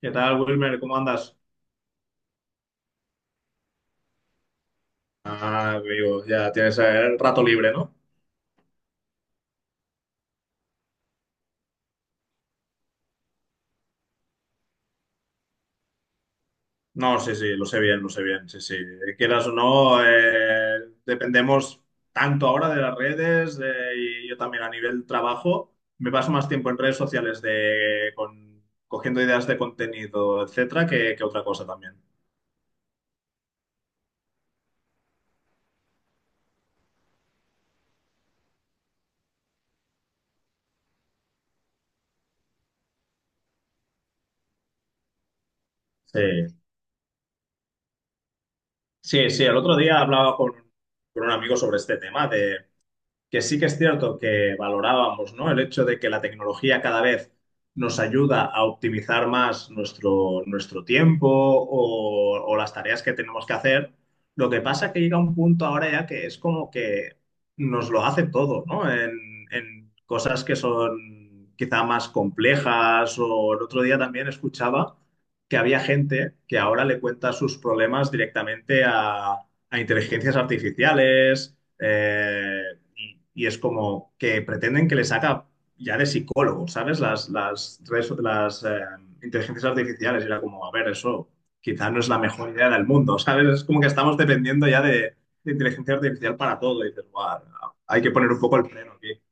¿Qué tal, Wilmer? ¿Cómo andas? Ah, amigo, ya tienes el rato libre, ¿no? No, sí, sí, lo sé bien, sí, sí. Quieras o no, dependemos tanto ahora de las redes y yo también a nivel trabajo. Me paso más tiempo en redes sociales de, cogiendo ideas de contenido, etcétera, que otra cosa también. Sí, sí, sí. El otro día hablaba con un amigo sobre este tema que sí que es cierto que valorábamos, ¿no? El hecho de que la tecnología cada vez nos ayuda a optimizar más nuestro tiempo o las tareas que tenemos que hacer. Lo que pasa es que llega un punto ahora ya que es como que nos lo hace todo, ¿no? En cosas que son quizá más complejas o el otro día también escuchaba que había gente que ahora le cuenta sus problemas directamente a inteligencias artificiales y es como que pretenden que les haga ya de psicólogo, ¿sabes? Las inteligencias artificiales y era como, a ver, eso quizás no es la mejor idea del mundo, ¿sabes? Es como que estamos dependiendo ya de inteligencia artificial para todo y dices, "Buah, hay que poner un poco el freno aquí".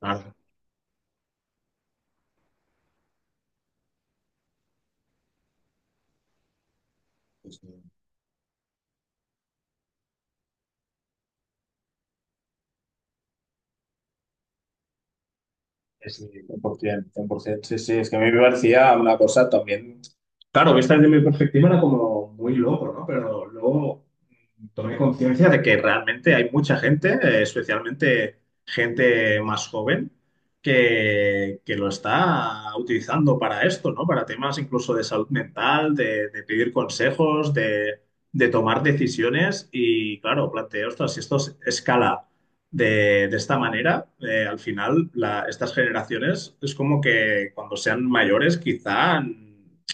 Claro, pues, sí, sí, es que a mí me parecía una cosa también. Claro, vista desde mi perspectiva era como muy loco, ¿no? Pero luego tomé conciencia de que realmente hay mucha gente, especialmente gente más joven, que lo está utilizando para esto, ¿no? Para temas incluso de salud mental, de pedir consejos, de tomar decisiones. Y claro, planteo, ostras, si escala de esta manera, al final estas generaciones es como que cuando sean mayores quizá...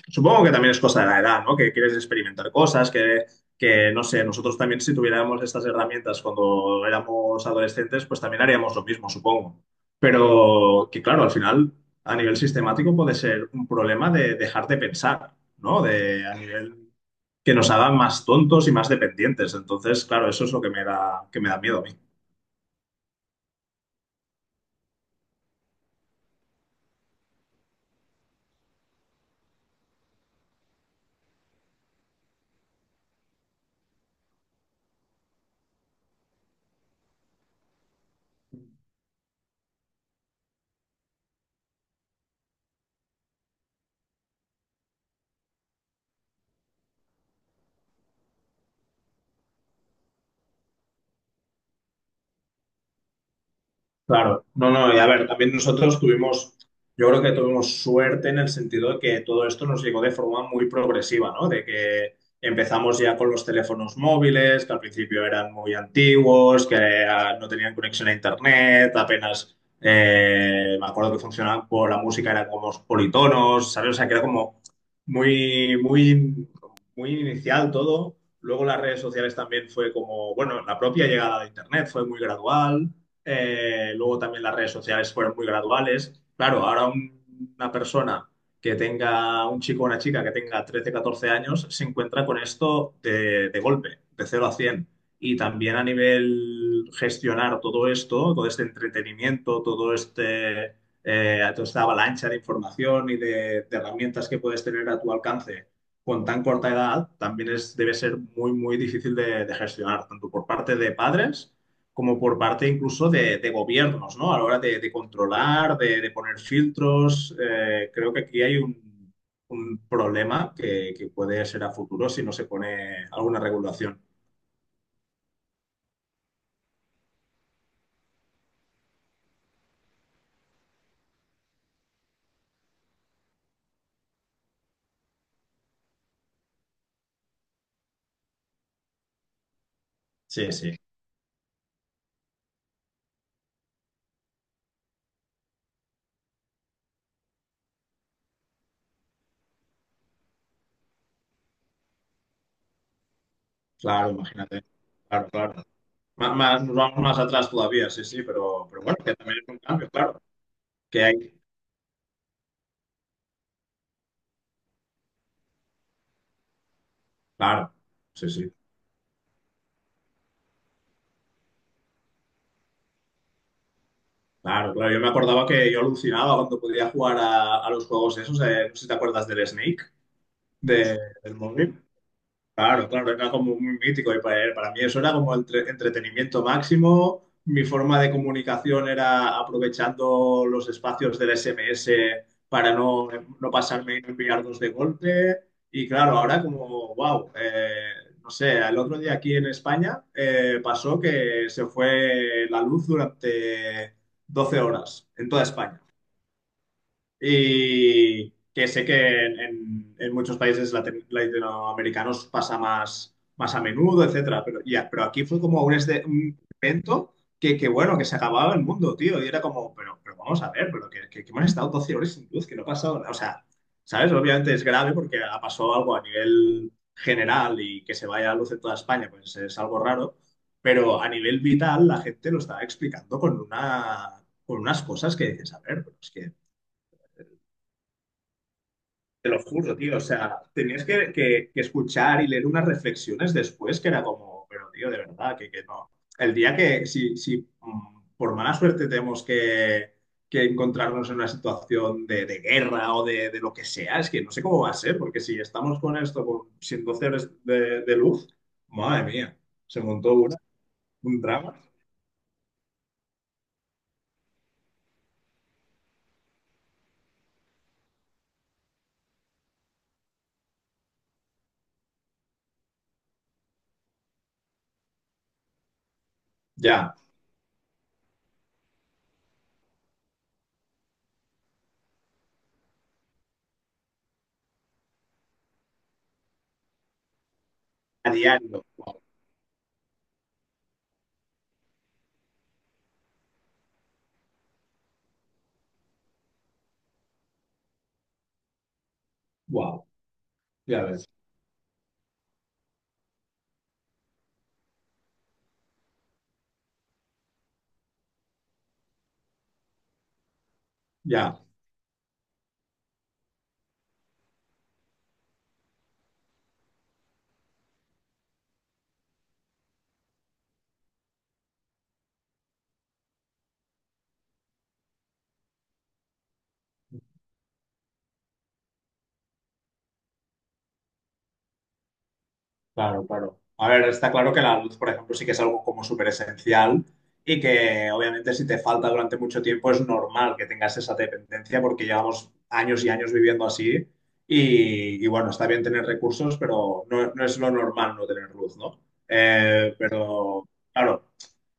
Supongo que también es cosa de la edad, ¿no? Que quieres experimentar cosas, que no sé, nosotros también si tuviéramos estas herramientas cuando éramos adolescentes, pues también haríamos lo mismo, supongo. Pero que claro, al final, a nivel sistemático puede ser un problema de dejar de pensar, ¿no? De, a nivel que nos hagan más tontos y más dependientes. Entonces, claro, eso es lo que que me da miedo a mí. Claro, no, no, y a ver, también nosotros tuvimos, yo creo que tuvimos suerte en el sentido de que todo esto nos llegó de forma muy progresiva, ¿no? De que empezamos ya con los teléfonos móviles, que al principio eran muy antiguos, que ah, no tenían conexión a internet, apenas, me acuerdo que funcionaban por la música, eran como politonos, ¿sabes? O sea, que era como muy, muy, muy inicial todo. Luego las redes sociales también fue como, bueno, la propia llegada de internet fue muy gradual. Luego también las redes sociales fueron muy graduales. Claro, ahora una persona que tenga, un chico o una chica que tenga 13 14 años, se encuentra con esto de golpe, de 0 a 100. Y también a nivel gestionar todo esto, todo este entretenimiento, todo este, toda esta avalancha de información y de herramientas que puedes tener a tu alcance con tan corta edad, también es, debe ser muy, muy difícil de gestionar, tanto por parte de padres como por parte incluso de gobiernos, ¿no? A la hora de controlar, de poner filtros. Eh, creo que aquí hay un problema que puede ser a futuro si no se pone alguna regulación. Sí, sí. Claro, imagínate. Claro, claro. Nos vamos más atrás todavía, sí, sí, pero bueno, que también es un cambio, claro. Que hay, claro, sí, sí. Claro, claro. Yo me acordaba que yo alucinaba cuando podía jugar a los juegos esos. Eh, no sé si te acuerdas del Snake, de- del móvil. Claro, claro, era como muy mítico y para mí eso era como entretenimiento máximo. Mi forma de comunicación era aprovechando los espacios del SMS para no pasarme y no enviar dos de golpe. Y claro, ahora como, wow, no sé, el otro día aquí en España pasó que se fue la luz durante 12 horas en toda España. Y que sé que en, en muchos países latinoamericanos pasa más, más a menudo, etcétera. Pero, ya, pero aquí fue como un, un evento que, bueno, que se acababa el mundo, tío. Y era como, pero vamos a ver, pero que hemos estado 12 horas sin luz, que no ha pasado nada. O sea, ¿sabes? Obviamente es grave porque ha pasado algo a nivel general y que se vaya la luz en toda España, pues es algo raro. Pero a nivel vital, la gente lo estaba explicando con una, con unas cosas que dices, a ver, pero es que te lo juro, tío. O sea, tenías que, que escuchar y leer unas reflexiones después que era como, pero tío, de verdad, que no. El día que, si, si por mala suerte tenemos que encontrarnos en una situación de guerra o de lo que sea, es que no sé cómo va a ser, porque si estamos con esto, con, sin 12 horas de luz, madre mía, se montó una, un drama. Ya, a diario. Wow, ya ves, ya. Claro, claro. A ver, está claro que la luz, por ejemplo, sí que es algo como súper esencial y que obviamente si te falta durante mucho tiempo es normal que tengas esa dependencia porque llevamos años y años viviendo así y bueno, está bien tener recursos, pero no, no es lo normal no tener luz, ¿no? Pero claro,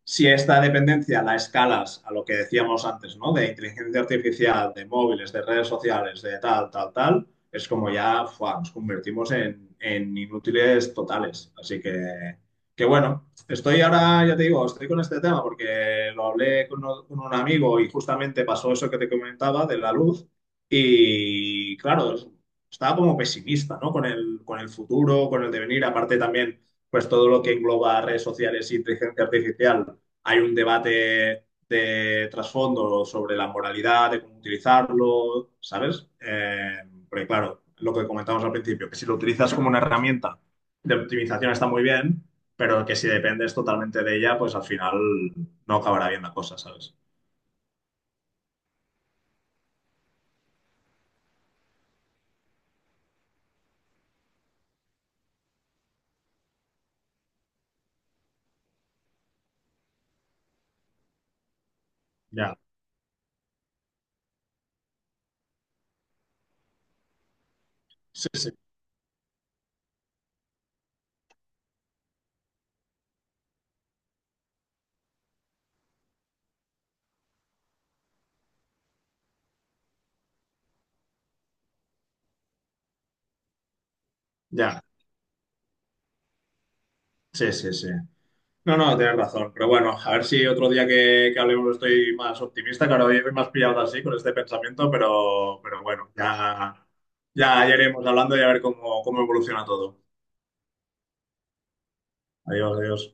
si esta dependencia la escalas a lo que decíamos antes, ¿no? De inteligencia artificial, de móviles, de redes sociales, de tal, tal, tal, es como ya fuá, nos convertimos en inútiles totales. Así que bueno, estoy ahora, ya te digo, estoy con este tema porque lo hablé con, con un amigo y justamente pasó eso que te comentaba de la luz y claro, estaba como pesimista, ¿no? Con el futuro, con el devenir, aparte también, pues todo lo que engloba redes sociales y inteligencia artificial hay un debate de trasfondo sobre la moralidad, de cómo utilizarlo, ¿sabes? Porque claro, lo que comentamos al principio, que si lo utilizas como una herramienta de optimización está muy bien, pero que si dependes totalmente de ella, pues al final no acabará bien la cosa, ¿sabes? Ya, sí, sí. Ya, sí, sí, sí. No, no, tienes razón. Pero bueno, a ver si otro día que hablemos estoy más optimista. Claro, hoy me has pillado así con este pensamiento, pero bueno, ya, ya, ya iremos hablando y a ver cómo, cómo evoluciona todo. Adiós, adiós.